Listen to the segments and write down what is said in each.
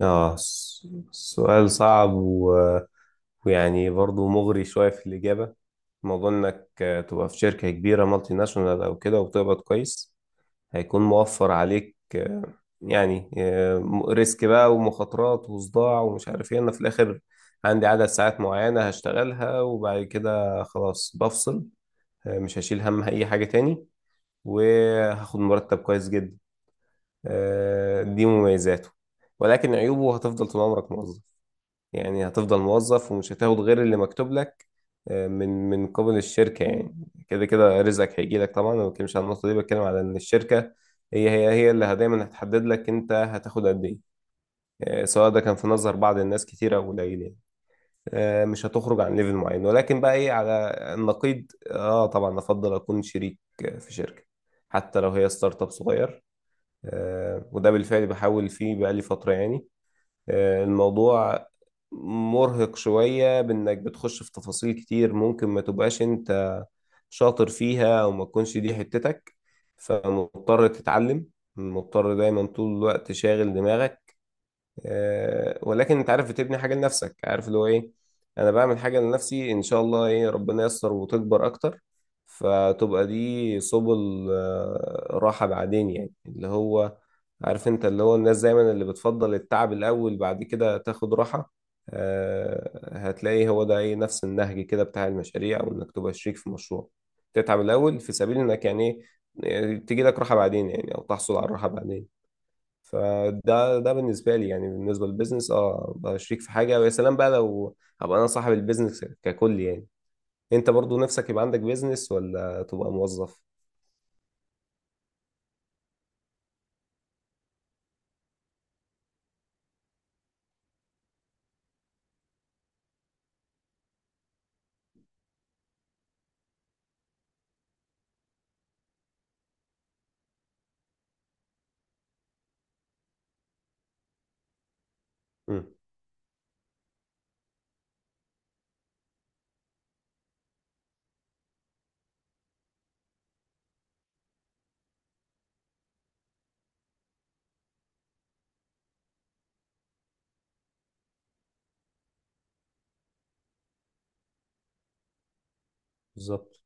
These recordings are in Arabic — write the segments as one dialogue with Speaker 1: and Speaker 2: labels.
Speaker 1: سؤال صعب، ويعني برضو مغري شوية في الإجابة. موضوع إنك تبقى في شركة كبيرة مالتي ناشونال أو كده وبتقبض كويس، هيكون موفر عليك. يعني ريسك بقى ومخاطرات وصداع ومش عارف إيه. أنا في الآخر عندي عدد ساعات معينة هشتغلها وبعد كده خلاص بفصل. مش هشيل هم أي حاجة تاني، وهاخد مرتب كويس جدا. دي مميزاته. ولكن عيوبه، هتفضل طول عمرك موظف، يعني هتفضل موظف ومش هتاخد غير اللي مكتوب لك من قبل الشركة يعني. كده كده رزقك هيجي لك طبعا، انا ما بتكلمش عن النقطة دي، بتكلم على ان الشركة هي اللي دايما هتحدد لك انت هتاخد قد ايه، سواء ده كان في نظر بعض الناس كتير او قليل. يعني مش هتخرج عن ليفل معين. ولكن بقى ايه، على النقيض، اه طبعا افضل اكون شريك في شركة حتى لو هي ستارت اب صغير. وده بالفعل بحاول فيه بقالي فترة يعني. الموضوع مرهق شوية، بإنك بتخش في تفاصيل كتير ممكن ما تبقاش أنت شاطر فيها أو ما تكونش دي حتتك، فمضطر تتعلم، مضطر دايما طول الوقت شاغل دماغك. ولكن أنت عارف بتبني حاجة لنفسك، عارف اللي هو إيه، أنا بعمل حاجة لنفسي إن شاء الله، إيه ربنا ييسر وتكبر أكتر. فتبقى دي سبل راحة بعدين، يعني اللي هو عارف انت اللي هو الناس دايما اللي بتفضل التعب الاول، بعد كده تاخد راحة. هتلاقي هو ده ايه، نفس النهج كده بتاع المشاريع، او انك تبقى شريك في مشروع، تتعب الاول في سبيل انك يعني ايه تجي لك راحة بعدين، يعني او تحصل على الراحة بعدين. فده بالنسبة لي يعني، بالنسبة للبيزنس، اه ابقى شريك في حاجة، ويا سلام بقى لو ابقى انا صاحب البيزنس ككل يعني. انت برضو نفسك يبقى عندك بيزنس ولا تبقى موظف؟ مم. بالظبط.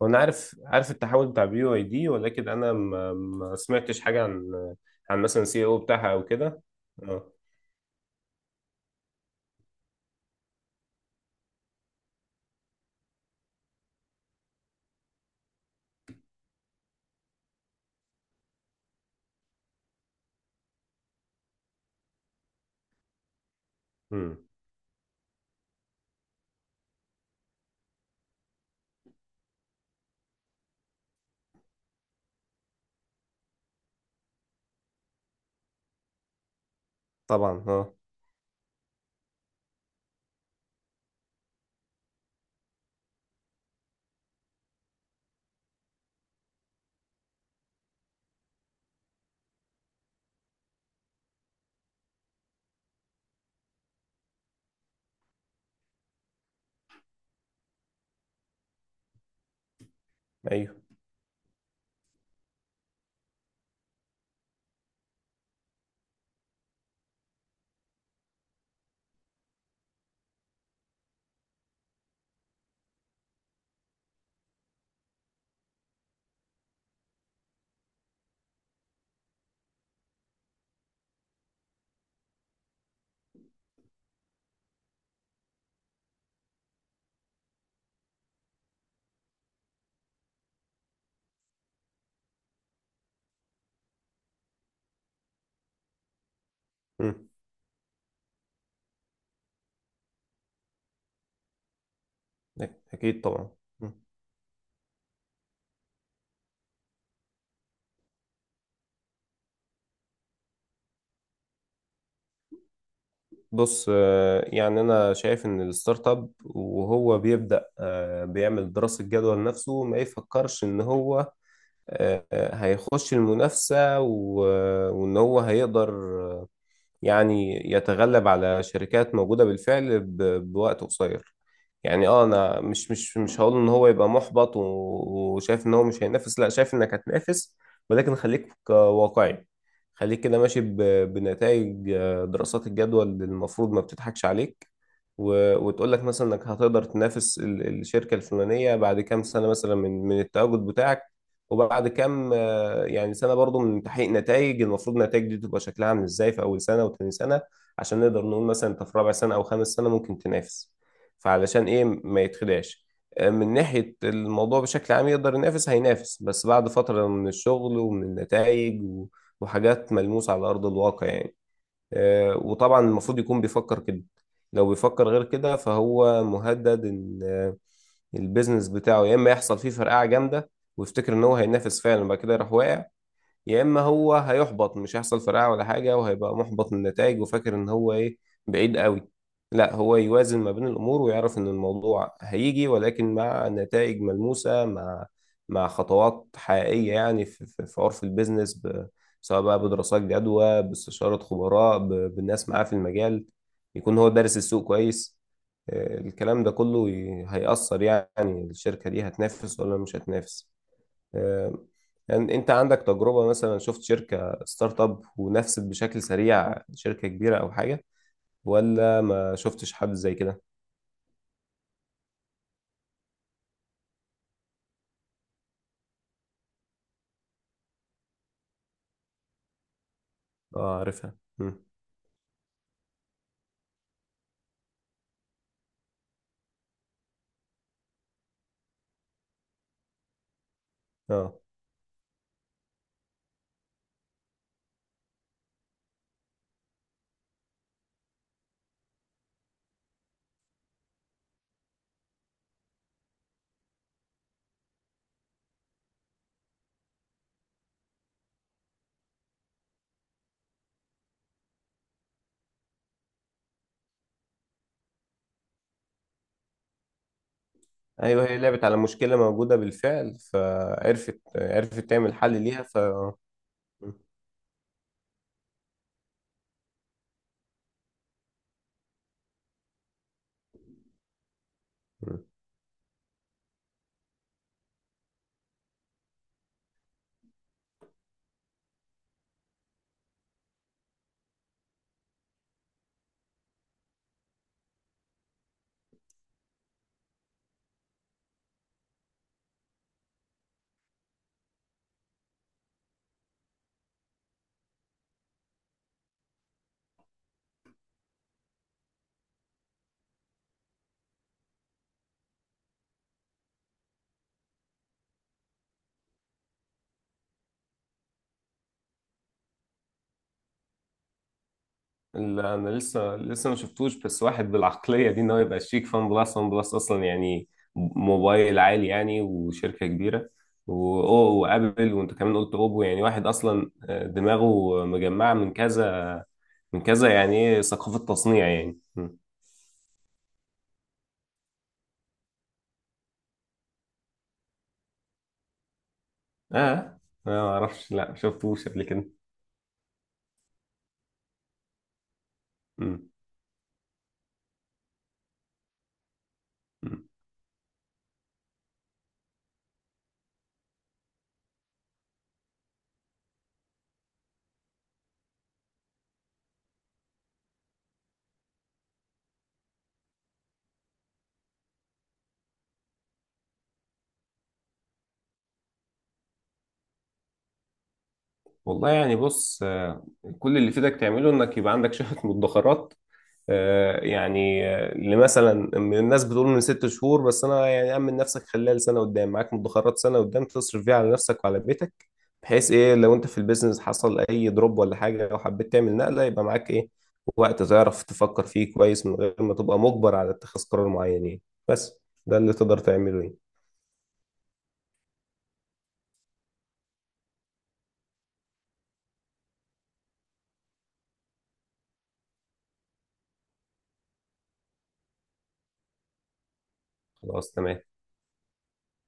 Speaker 1: وانا عارف عارف التحول بتاع BYD، ولكن انا ما سمعتش حاجه عن مثلا CEO بتاعها او كده. اه. امم. طبعا اه. ايوه. امم. اكيد طبعا. مم. بص، يعني انا شايف ان الستارت اب وهو بيبدا بيعمل دراسه جدوى لنفسه، ما يفكرش ان هو هيخش المنافسه، وان هو هيقدر يعني يتغلب على شركات موجودة بالفعل بوقت قصير. يعني اه انا مش هقول ان هو يبقى محبط وشايف ان هو مش هينافس، لا، شايف انك هتنافس، ولكن خليك واقعي، خليك كده ماشي بنتائج دراسات الجدوى اللي المفروض ما بتضحكش عليك، وتقول لك مثلا انك هتقدر تنافس الشركة الفلانية بعد كام سنة مثلا من التواجد بتاعك، وبعد كام يعني سنة برضو من تحقيق نتائج. المفروض النتائج دي تبقى شكلها عامل ازاي في أول سنة وتاني سنة، عشان نقدر نقول مثلا انت في رابع سنة أو خامس سنة ممكن تنافس. فعلشان ايه ما يتخدعش من ناحية الموضوع بشكل عام، يقدر ينافس، هينافس، بس بعد فترة من الشغل ومن النتائج وحاجات ملموسة على أرض الواقع يعني. وطبعا المفروض يكون بيفكر كده. لو بيفكر غير كده فهو مهدد ان البيزنس بتاعه يا اما يحصل فيه فرقعة جامدة ويفتكر ان هو هينافس فعلا، بعد كده يروح واقع، يا اما هو هيحبط، مش هيحصل فرقعه ولا حاجه، وهيبقى محبط من النتائج وفاكر ان هو ايه بعيد قوي. لا، هو يوازن ما بين الامور ويعرف ان الموضوع هيجي، ولكن مع نتائج ملموسه، مع خطوات حقيقيه يعني، في عرف البيزنس، سواء بقى بدراسات جدوى، باستشاره خبراء، بالناس معاه في المجال، يكون هو دارس السوق كويس. الكلام ده كله هيأثر يعني الشركه دي هتنافس ولا مش هتنافس. آه، يعني انت عندك تجربة مثلا، شفت شركة ستارت اب ونفست بشكل سريع شركة كبيرة او حاجة، ولا ما شفتش حد زي كده؟ اه عارفها. مم. اه. ايوه، هي لعبت على مشكلة موجودة بالفعل، فعرفت عرفت تعمل حل ليها، ف. مم. مم. لا انا لسه ما شفتوش، بس واحد بالعقليه دي، ان هو يبقى شريك فان بلس، وان بلس اصلا يعني موبايل عالي يعني وشركه كبيره، وابل، وانت كمان قلت اوبو، يعني واحد اصلا دماغه مجمعه من كذا، من كذا، يعني إيه، ثقافه تصنيع يعني. م. اه. أنا ما اعرفش، لا ما شفتوش قبل كده. م. م. والله، يعني بص، كل اللي يفيدك تعمله انك يبقى عندك شهادة مدخرات. يعني اللي مثلا من الناس بتقول من 6 شهور، بس انا يعني، امن نفسك خلال سنة قدام، معاك مدخرات سنة قدام تصرف فيها على نفسك وعلى بيتك، بحيث ايه لو انت في البيزنس حصل اي دروب ولا حاجة، لو حبيت تعمل نقلة، يبقى معاك ايه، وقت تعرف تفكر فيه كويس من غير ما تبقى مجبر على اتخاذ قرار معين يعني. بس ده اللي تقدر تعمله يعني. خلاص، تمام.